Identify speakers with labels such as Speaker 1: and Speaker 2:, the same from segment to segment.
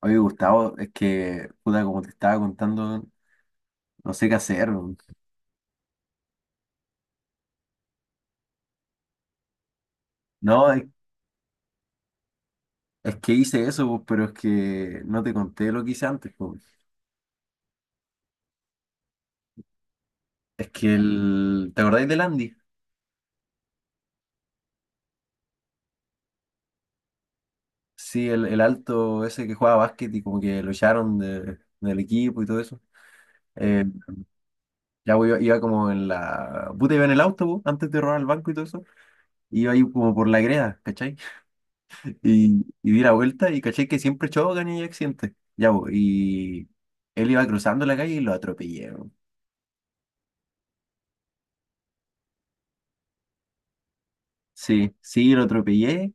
Speaker 1: Oye, Gustavo, es que, puta, como te estaba contando, no sé qué hacer, weón. No, es que hice eso, pues, pero es que no te conté lo que hice antes, pues. Es que el... ¿Te acordáis del Andy? Sí, el alto ese que jugaba básquet y como que lo echaron del equipo y todo eso. Eh, ya pues, iba como en la... Puta, iba en el autobús antes de robar el banco y todo eso. Iba ahí como por la greda, ¿cachai? Y di la vuelta y caché que siempre chocan y hay accidentes. Ya, pues, y... Él iba cruzando la calle y lo atropellé. Sí, lo atropellé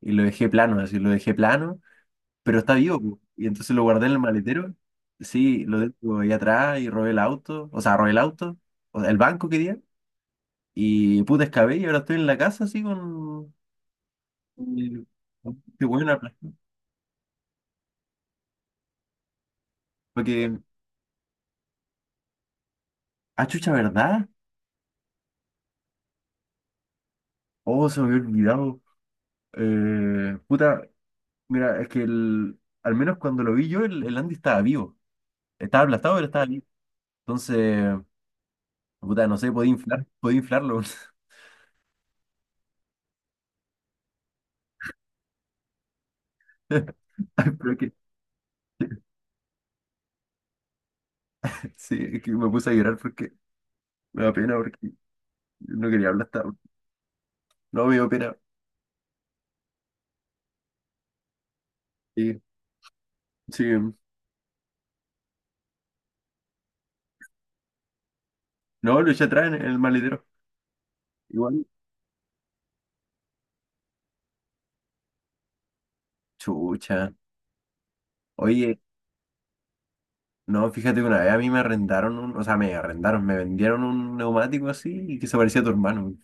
Speaker 1: y lo dejé plano, así lo dejé plano, pero está vivo, pu. Y entonces lo guardé en el maletero. Sí, lo dejo ahí atrás y robé el auto, o sea, robé el auto, o sea, el banco quería, y puta escabé y ahora estoy en la casa así con... el- con este weón porque, ah, chucha, ¿verdad? Oh, se me había olvidado. Puta, mira, es que el, al menos cuando lo vi yo, el Andy estaba vivo. Estaba aplastado, pero estaba vivo. Entonces, puta, no sé, podía inflar, podía inflarlo. Ay, pero que, sí, es que me puse a llorar porque me da pena, porque no quería hablar hasta ahora. No, me dio pena. Sí, sí. No, lo eché atrás en el maletero. Igual. Chucha. Oye, no, fíjate que una vez a mí me arrendaron un, o sea, me arrendaron, me vendieron un neumático así y que se parecía a tu hermano.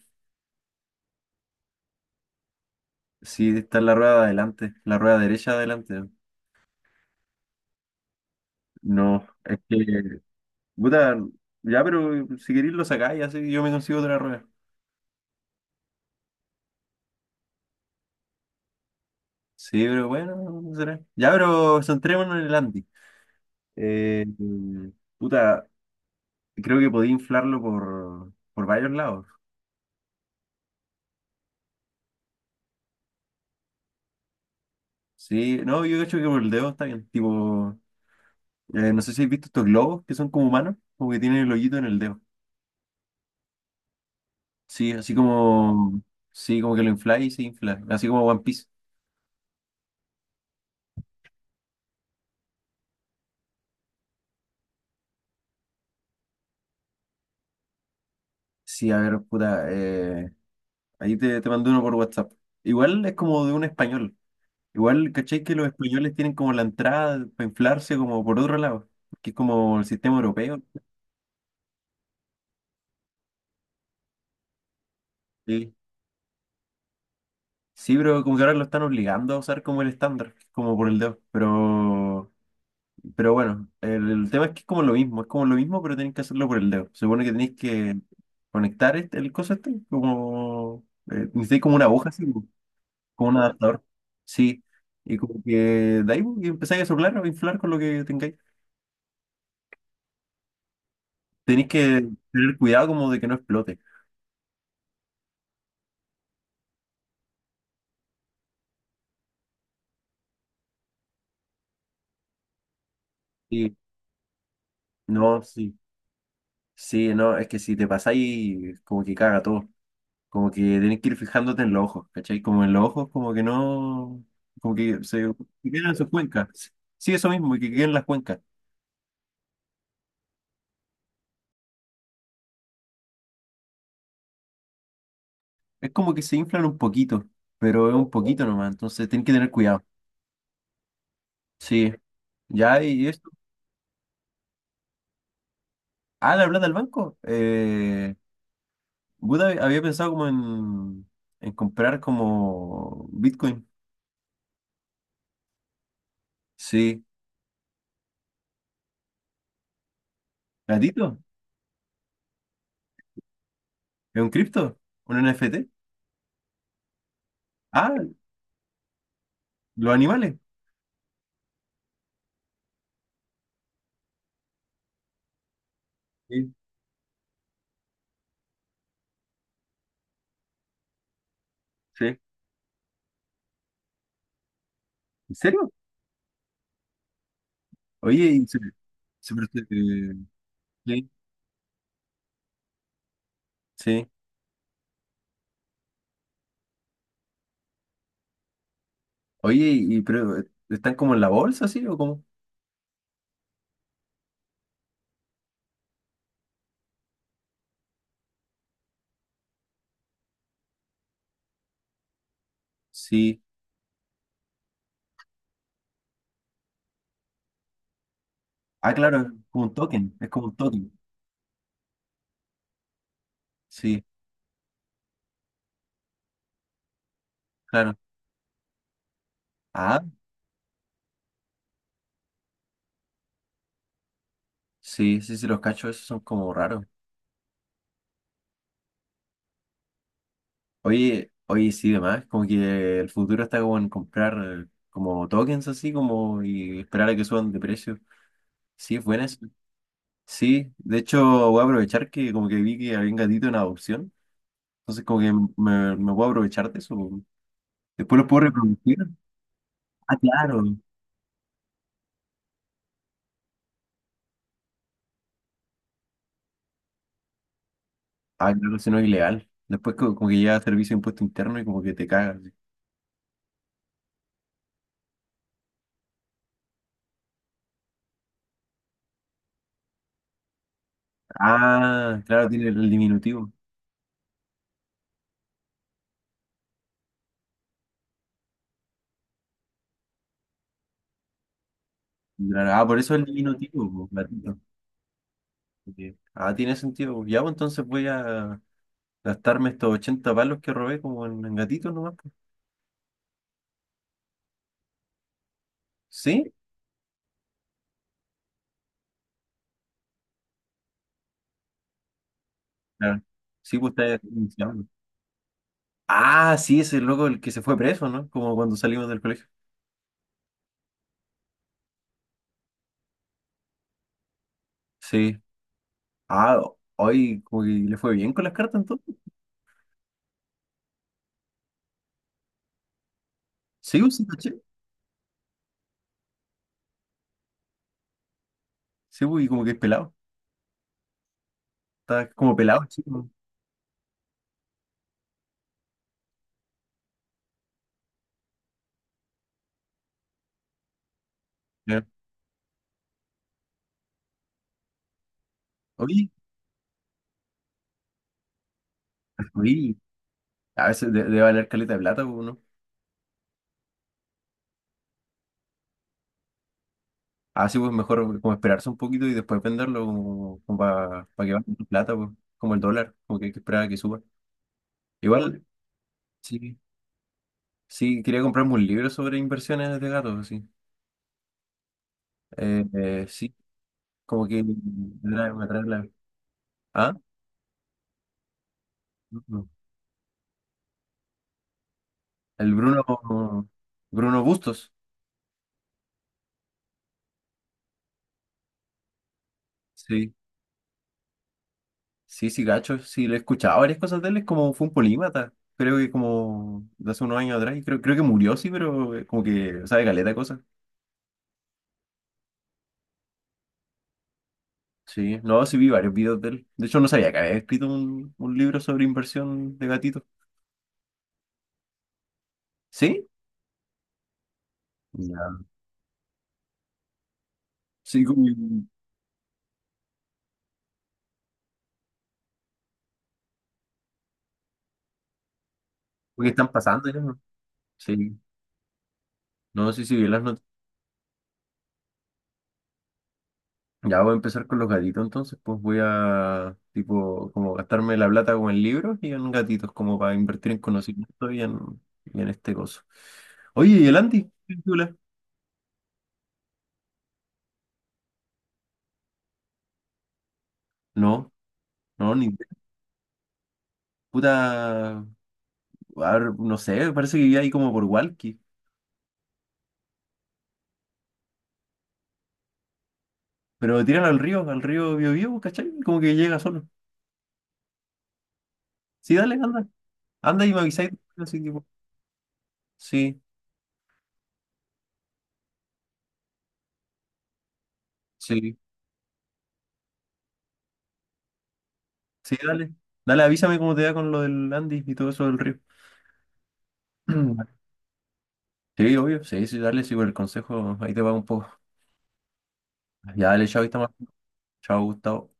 Speaker 1: Sí, está en la rueda de adelante, la rueda derecha de adelante. No, es que, puta, ya, pero si queréis lo sacáis, así yo me consigo otra rueda. Sí, pero bueno, no será. Ya, pero centrémonos en el Andy. Eh, puta, creo que podía inflarlo por varios lados. Sí, no, yo hecho que por el dedo está bien. Tipo, no sé si has visto estos globos que son como humanos, como que tienen el hoyito en el dedo. Sí, así como, sí, como que lo infla y se infla, así como One Piece. Sí, a ver, puta, ahí te, te mandé uno por WhatsApp. Igual es como de un español. Igual, ¿cachai que los españoles tienen como la entrada para inflarse como por otro lado? Que es como el sistema europeo. Sí Sí, pero como que ahora lo están obligando a usar como el estándar, como por el dedo. Pero bueno, el tema es que es como lo mismo, es como lo mismo, pero tenéis que hacerlo por el dedo. Se supone que tenéis que conectar el coso este, como necesitáis como una aguja así, como como un adaptador. Sí. Y como que de ahí pues, y empezáis a soplar o inflar con lo que tengáis. Tenéis que tener cuidado como de que no explote. Sí, no, sí. Sí, no, es que si te pasáis, como que caga todo. Como que tenés que ir fijándote en los ojos, ¿cachai? Como en los ojos, como que no, como que se que quedan en sus cuencas. Sí, eso mismo, que quedan en las cuencas. Es como que se inflan un poquito, pero es un poquito nomás, entonces tenés que tener cuidado. Sí, ya, y esto. Ah, la plata del banco. Buda había pensado como en comprar como Bitcoin. Sí. ¿Gatito? ¿Es un cripto? ¿Un NFT? Ah, los animales. Sí. Sí. ¿En serio? Oye, se- pero, se- eh, sí. Oye, y pero, ¿están como en la bolsa, sí? ¿O cómo? Sí. Ah, claro, es como un token, es como un token. Sí, claro. Ah, sí, sí, sí, los cachos esos son como raros. Oye, oye, sí, demás, como que el futuro está como en comprar como tokens así, como y esperar a que suban de precio. Sí, es buena eso. Sí, de hecho voy a aprovechar que como que vi que había un gatito en adopción, entonces como que me voy a aprovechar de eso. Después lo puedo reproducir. Ah, claro. Ah, claro, si no es ilegal. Después como que llega a servicio de impuesto interno y como que te cagas. Ah, claro, tiene el diminutivo. Claro, ah, por eso el diminutivo, po, gatito. Ok. Ah, tiene sentido, po. Ya, pues entonces voy a gastarme estos 80 palos que robé como en gatitos nomás, pues. ¿Sí? Claro. Sí, pues está denunciando. Ah, sí, ese loco el que se fue preso, ¿no? Como cuando salimos del colegio. Sí. Ah, hoy como que le fue bien con las cartas entonces. Sí, pues sí, caché. Sí, pues, y como que es pelado. Está como pelado, chico, ¿no? Ya. Oye, sí, a veces debe valer caleta de plata, pues, ¿no? Así pues mejor como esperarse un poquito y después venderlo como, para que valga tu plata, pues, como el dólar, como que hay que esperar a que suba. Igual, sí, sí, quería comprarme un libro sobre inversiones de gatos, sí. Sí, como que me trae la... Ah, no, el Bruno, Bruno Bustos, sí, sí, sí, gacho, sí, lo he escuchado varias cosas de él, es como fue un polímata. Creo que como de hace unos años atrás, y creo, creo que murió, sí, pero como que sabe caleta de cosas. Sí, no, sí vi varios videos de él. De hecho, no sabía que había escrito un libro sobre inversión de gatitos. ¿Sí? Ya. Sí, como porque están pasando ya, ¿no? Sí. No, sí, sí, vi las ya voy a empezar con los gatitos, entonces, pues voy a, tipo, como gastarme la plata como en libros y en gatitos, como para invertir en conocimiento y en este coso. Oye, ¿y el Andy? ¿Qué? ¿Película? No, no, ni idea. Puta, a ver, no sé, parece que vive ahí como por Walkie. Pero tiran al río Biobío, ¿cachai? Como que llega solo. Sí, dale, anda. Anda y me avisáis después. Así que, pues, sí, sí, sí, dale. Dale, avísame cómo te va con lo del Andy y todo eso del río. Sí, obvio. Sí, sí, dale, sí, por el consejo. Ahí te va un poco. Ya, dale, chao, está más. Chao, Gustavo.